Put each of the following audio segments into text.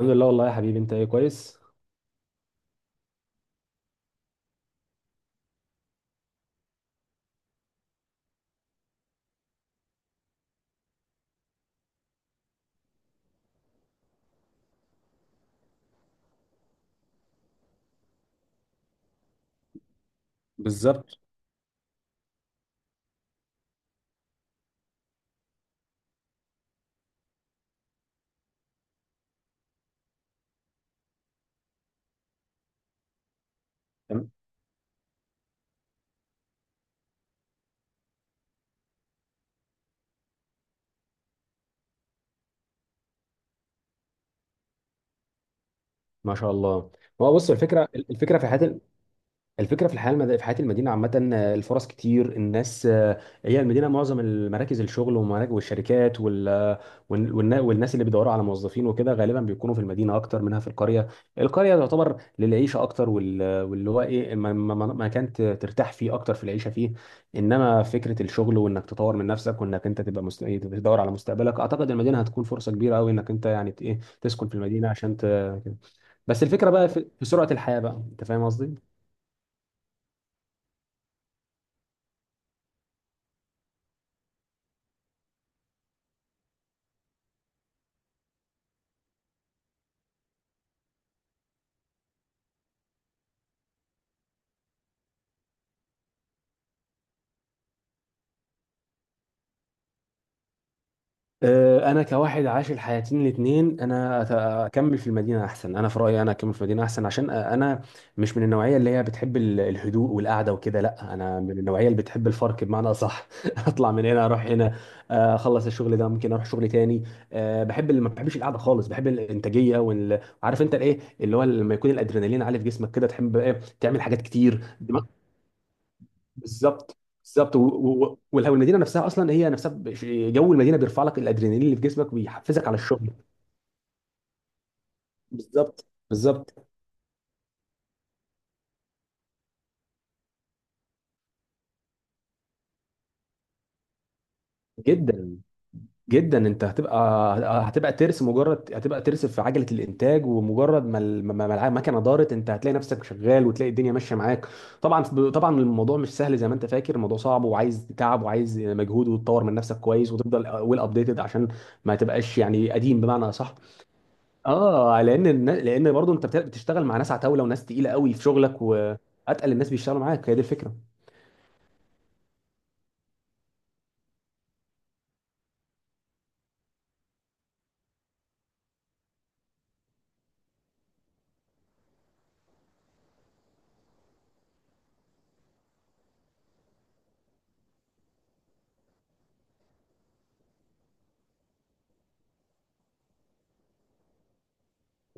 الحمد لله، والله يا حبيبي، انت ايه؟ كويس. بالظبط. تمام. ما شاء الله. ما هو بص، الفكره في حياه، الفكره في الحياه في حياه المدينه عامه، الفرص كتير، الناس هي المدينه معظم المراكز الشغل ومراكز والشركات والناس اللي بيدوروا على موظفين وكده غالبا بيكونوا في المدينه اكتر منها في القريه. القريه تعتبر للعيشه اكتر، واللي هو ايه ما كانت ترتاح فيه اكتر في العيشه فيه. انما فكره الشغل وانك تطور من نفسك، وانك انت تبقى مست... إيه، تدور على مستقبلك. اعتقد المدينه هتكون فرصه كبيره قوي انك انت يعني ت- ايه تسكن في المدينه عشان كده. بس الفكره بقى في سرعه الحياه بقى، انت فاهم قصدي؟ انا كواحد عايش الحياتين الاثنين، انا اكمل في المدينه احسن. انا في رايي، انا اكمل في المدينه احسن عشان انا مش من النوعيه اللي هي بتحب الهدوء والقعده وكده. لا انا من النوعيه اللي بتحب الفرق، بمعنى اصح اطلع من هنا اروح هنا. اخلص الشغل ده ممكن اروح شغل تاني. بحب، اللي ما بحبش القعده خالص، بحب الانتاجيه وعارف انت الايه اللي هو لما يكون الادرينالين عالي في جسمك كده تحب بقى إيه؟ تعمل حاجات كتير. بالظبط. بالظبط. ولو المدينه نفسها اصلا، هي نفسها جو المدينه بيرفع لك الادرينالين اللي في جسمك بيحفزك على الشغل. بالظبط. بالظبط. جدا. جدا انت هتبقى ترس، مجرد هتبقى ترس في عجله الانتاج. ومجرد ما المكنه دارت انت هتلاقي نفسك شغال وتلاقي الدنيا ماشيه معاك. طبعا. طبعا الموضوع مش سهل زي ما انت فاكر، الموضوع صعب وعايز تعب وعايز مجهود، وتطور من نفسك كويس وتفضل ويل ابديتد عشان ما تبقاش يعني قديم، بمعنى صح. اه، لان برضه انت بتشتغل مع ناس عتاوله وناس تقيله قوي في شغلك، واتقل الناس بيشتغلوا معاك، هي دي الفكره.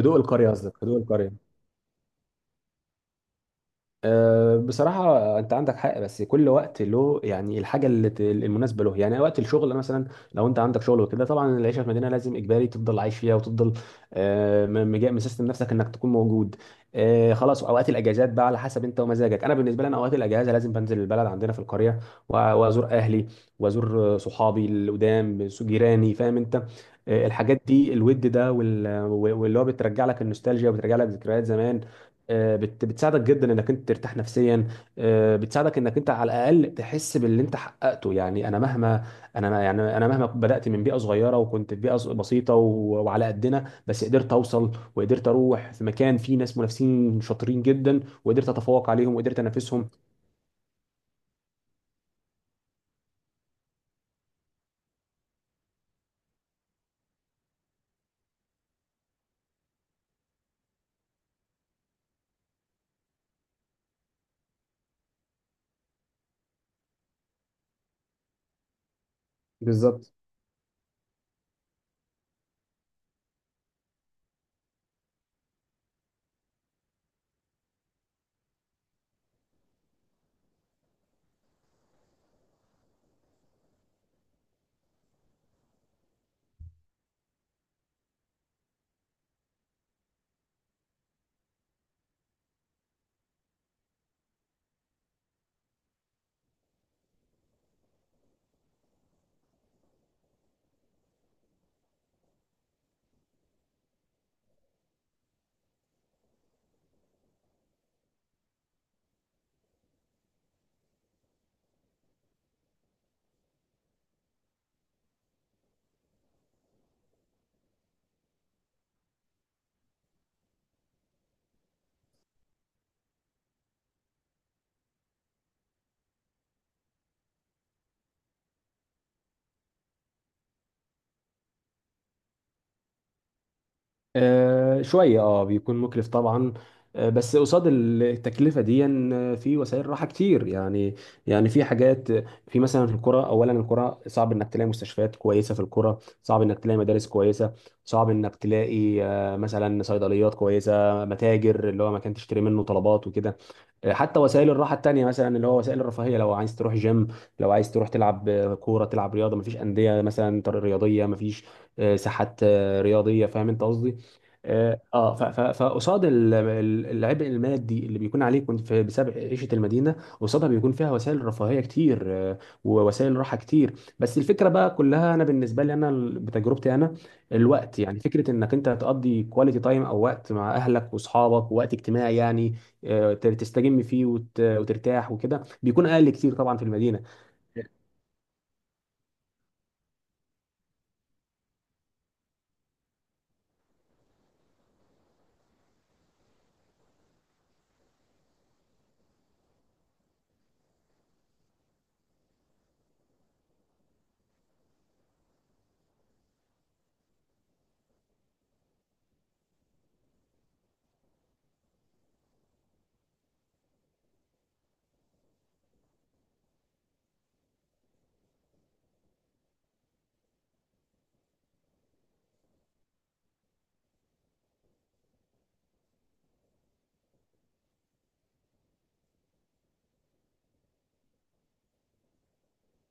هدوء القريه؟ قصدك هدوء القريه. بصراحة أنت عندك حق. بس كل وقت له، يعني الحاجة اللي المناسبة له. يعني وقت الشغل مثلا، لو أنت عندك شغل وكده، طبعا العيشة في مدينة لازم إجباري تفضل عايش فيها وتفضل، مسيستم نفسك إنك تكون موجود. خلاص أوقات الأجازات بقى على حسب أنت ومزاجك. أنا بالنسبة لي، أنا أوقات الأجازة لازم بنزل البلد عندنا في القرية وأزور أهلي، وأزور صحابي القدام، جيراني، فاهم أنت. الحاجات دي، الود ده واللي هو بترجع لك النوستالجيا وبترجع لك ذكريات زمان، بتساعدك جدا انك انت ترتاح نفسيا. بتساعدك انك انت على الاقل تحس باللي انت حققته. يعني انا مهما، انا يعني انا مهما بدات من بيئه صغيره وكنت في بيئه بسيطه وعلى قدنا، بس قدرت اوصل وقدرت اروح في مكان فيه ناس منافسين شاطرين جدا. وقدرت اتفوق عليهم وقدرت انافسهم. بالظبط. شوية، بيكون مكلف طبعا. بس قصاد التكلفة دي، في وسائل راحة كتير يعني. يعني في حاجات، في مثلا الكرة. أولا الكرة صعب إنك تلاقي مستشفيات كويسة. في الكرة صعب إنك تلاقي مدارس كويسة. صعب إنك تلاقي مثلا صيدليات كويسة، متاجر اللي هو مكان تشتري منه طلبات وكده. حتى وسائل الراحه التانيه، مثلا اللي هو وسائل الرفاهيه، لو عايز تروح جيم، لو عايز تروح تلعب كوره، تلعب رياضه، مفيش انديه مثلا رياضيه، مفيش ساحات رياضيه، فاهم انت قصدي. اه. فقصاد العبء المادي اللي بيكون عليك وانت بسبب عيشه المدينه، قصادها بيكون فيها وسائل رفاهيه كتير، آه، ووسائل راحه كتير. بس الفكره بقى كلها، انا بالنسبه لي، انا بتجربتي انا، الوقت، يعني فكره انك انت تقضي كواليتي تايم او وقت مع اهلك واصحابك ووقت اجتماعي يعني، تستجم فيه وترتاح وكده، بيكون اقل كتير طبعا في المدينه.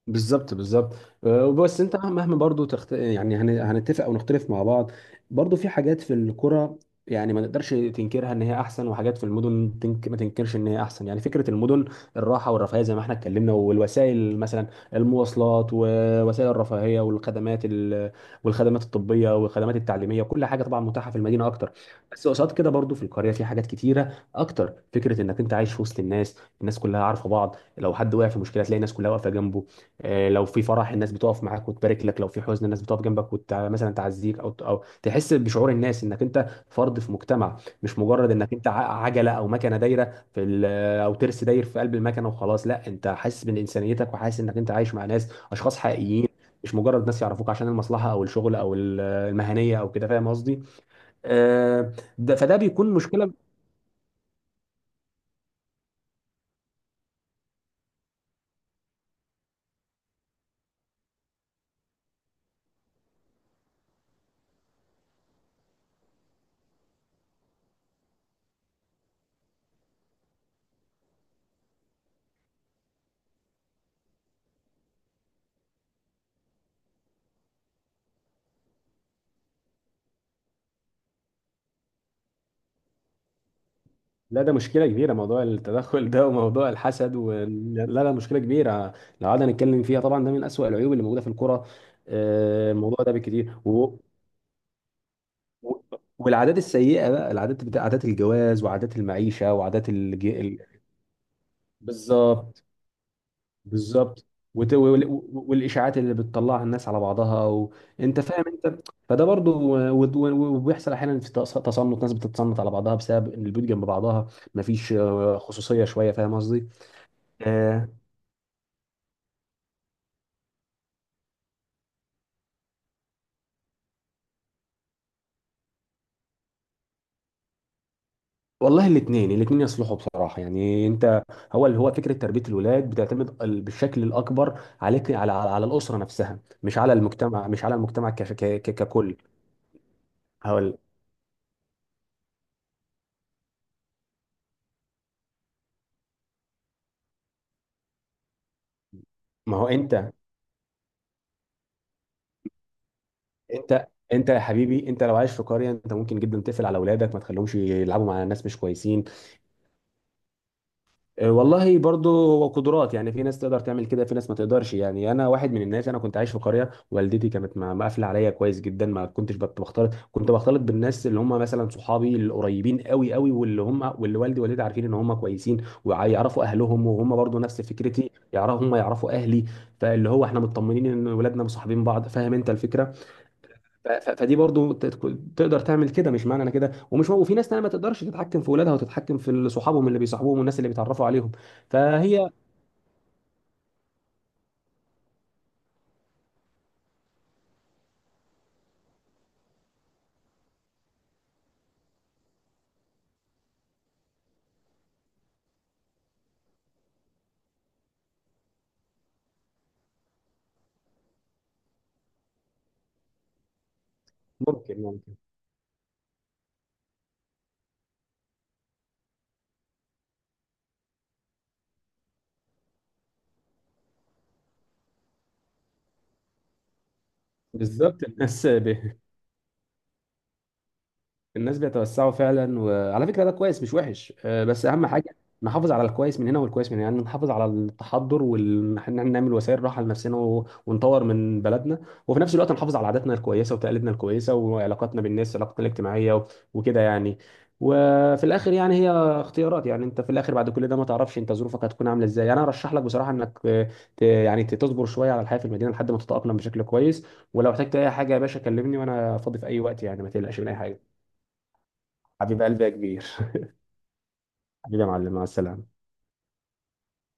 بالظبط. بالظبط. بس انت مهما برضو يعني هنتفق او نختلف مع بعض، برضو في حاجات في الكرة يعني ما نقدرش تنكرها ان هي احسن. وحاجات في المدن ما تنكرش ان هي احسن، يعني فكرة المدن، الراحة والرفاهية زي ما احنا اتكلمنا، والوسائل، مثلا المواصلات ووسائل الرفاهية والخدمات الطبية والخدمات التعليمية، كل حاجة طبعا متاحة في المدينة اكتر. بس قصاد كده برضو في القرية في حاجات كتيرة اكتر. فكرة انك انت عايش في وسط الناس، الناس كلها عارفة بعض، لو حد وقع في مشكلة تلاقي الناس كلها واقفة جنبه. لو في فرح الناس بتقف معاك وتبارك لك. لو في حزن الناس بتقف جنبك ومثلا تعزيك او تحس بشعور الناس انك انت فرد في مجتمع. مش مجرد انك انت عجله او مكنه دايره او ترس داير في قلب المكنه وخلاص. لا انت حاسس من انسانيتك وحاسس انك انت عايش مع ناس، اشخاص حقيقيين. مش مجرد ناس يعرفوك عشان المصلحه او الشغل المهنيه او كده، فاهم قصدي. آه، ده فده بيكون مشكله. لا ده مشكلة كبيرة، موضوع التدخل ده وموضوع الحسد لا، لا، مشكلة كبيرة. لو قعدنا نتكلم فيها طبعا ده من أسوأ العيوب اللي موجودة في الكرة. الموضوع ده بكتير و... والعادات السيئة بقى، العادات بتاع عادات الجواز وعادات المعيشة بالظبط. بالظبط. وت... وال... والإشاعات اللي بتطلعها الناس على بعضها أنت فاهم أنت. فده برضو وبيحصل أحيانا في تصنت، ناس بتتصنت على بعضها بسبب إن البيوت جنب بعضها. مفيش خصوصية شوية، فاهم قصدي؟ آه، والله الاثنين الاثنين يصلحوا بصراحه، يعني انت، هو اللي هو فكره تربيه الولاد بتعتمد بالشكل الاكبر عليك، على الاسره نفسها، مش على المجتمع، ككل. هقول. ما هو انت يا حبيبي، انت لو عايش في قريه انت ممكن جدا تقفل على اولادك ما تخليهمش يلعبوا مع ناس مش كويسين. والله برضو قدرات، يعني في ناس تقدر تعمل كده في ناس ما تقدرش. يعني انا واحد من الناس، انا كنت عايش في قريه والدتي كانت مقفله عليا كويس جدا، ما كنتش بختلط، كنت بختلط بالناس اللي هم مثلا صحابي القريبين قوي قوي، واللي والدي ووالدتي عارفين ان هم كويسين، ويعرفوا اهلهم وهم برضو نفس فكرتي، يعرفوا هم يعرفوا اهلي. فاللي هو احنا مطمنين ان ولادنا مصاحبين بعض، فاهم انت الفكره. فدي برضو تقدر تعمل كده. مش معنى انا كده ومش هو، وفي ناس تانية ما تقدرش تتحكم في ولادها وتتحكم في صحابهم اللي بيصاحبوهم والناس اللي بيتعرفوا عليهم. فهي. ممكن. ممكن. بالظبط. الناس الناس بيتوسعوا فعلا. وعلى فكره ده كويس مش وحش، بس اهم حاجه نحافظ على الكويس من هنا والكويس من هنا. يعني نحافظ على التحضر، وان احنا نعمل وسائل راحه لنفسنا ونطور من بلدنا، وفي نفس الوقت نحافظ على عاداتنا الكويسه وتقاليدنا الكويسه وعلاقاتنا بالناس، علاقتنا الاجتماعيه وكده يعني. وفي الاخر يعني هي اختيارات. يعني انت في الاخر بعد كل ده ما تعرفش انت ظروفك هتكون عامله ازاي. انا ارشح لك بصراحه انك، يعني تصبر شويه على الحياه في المدينه لحد ما تتاقلم بشكل كويس. ولو احتجت اي حاجه يا باشا كلمني، وانا فاضي في اي وقت، يعني ما تقلقش من اي حاجه. حبيب قلبي يا كبير. حبيبي يا معلم، مع السلامة.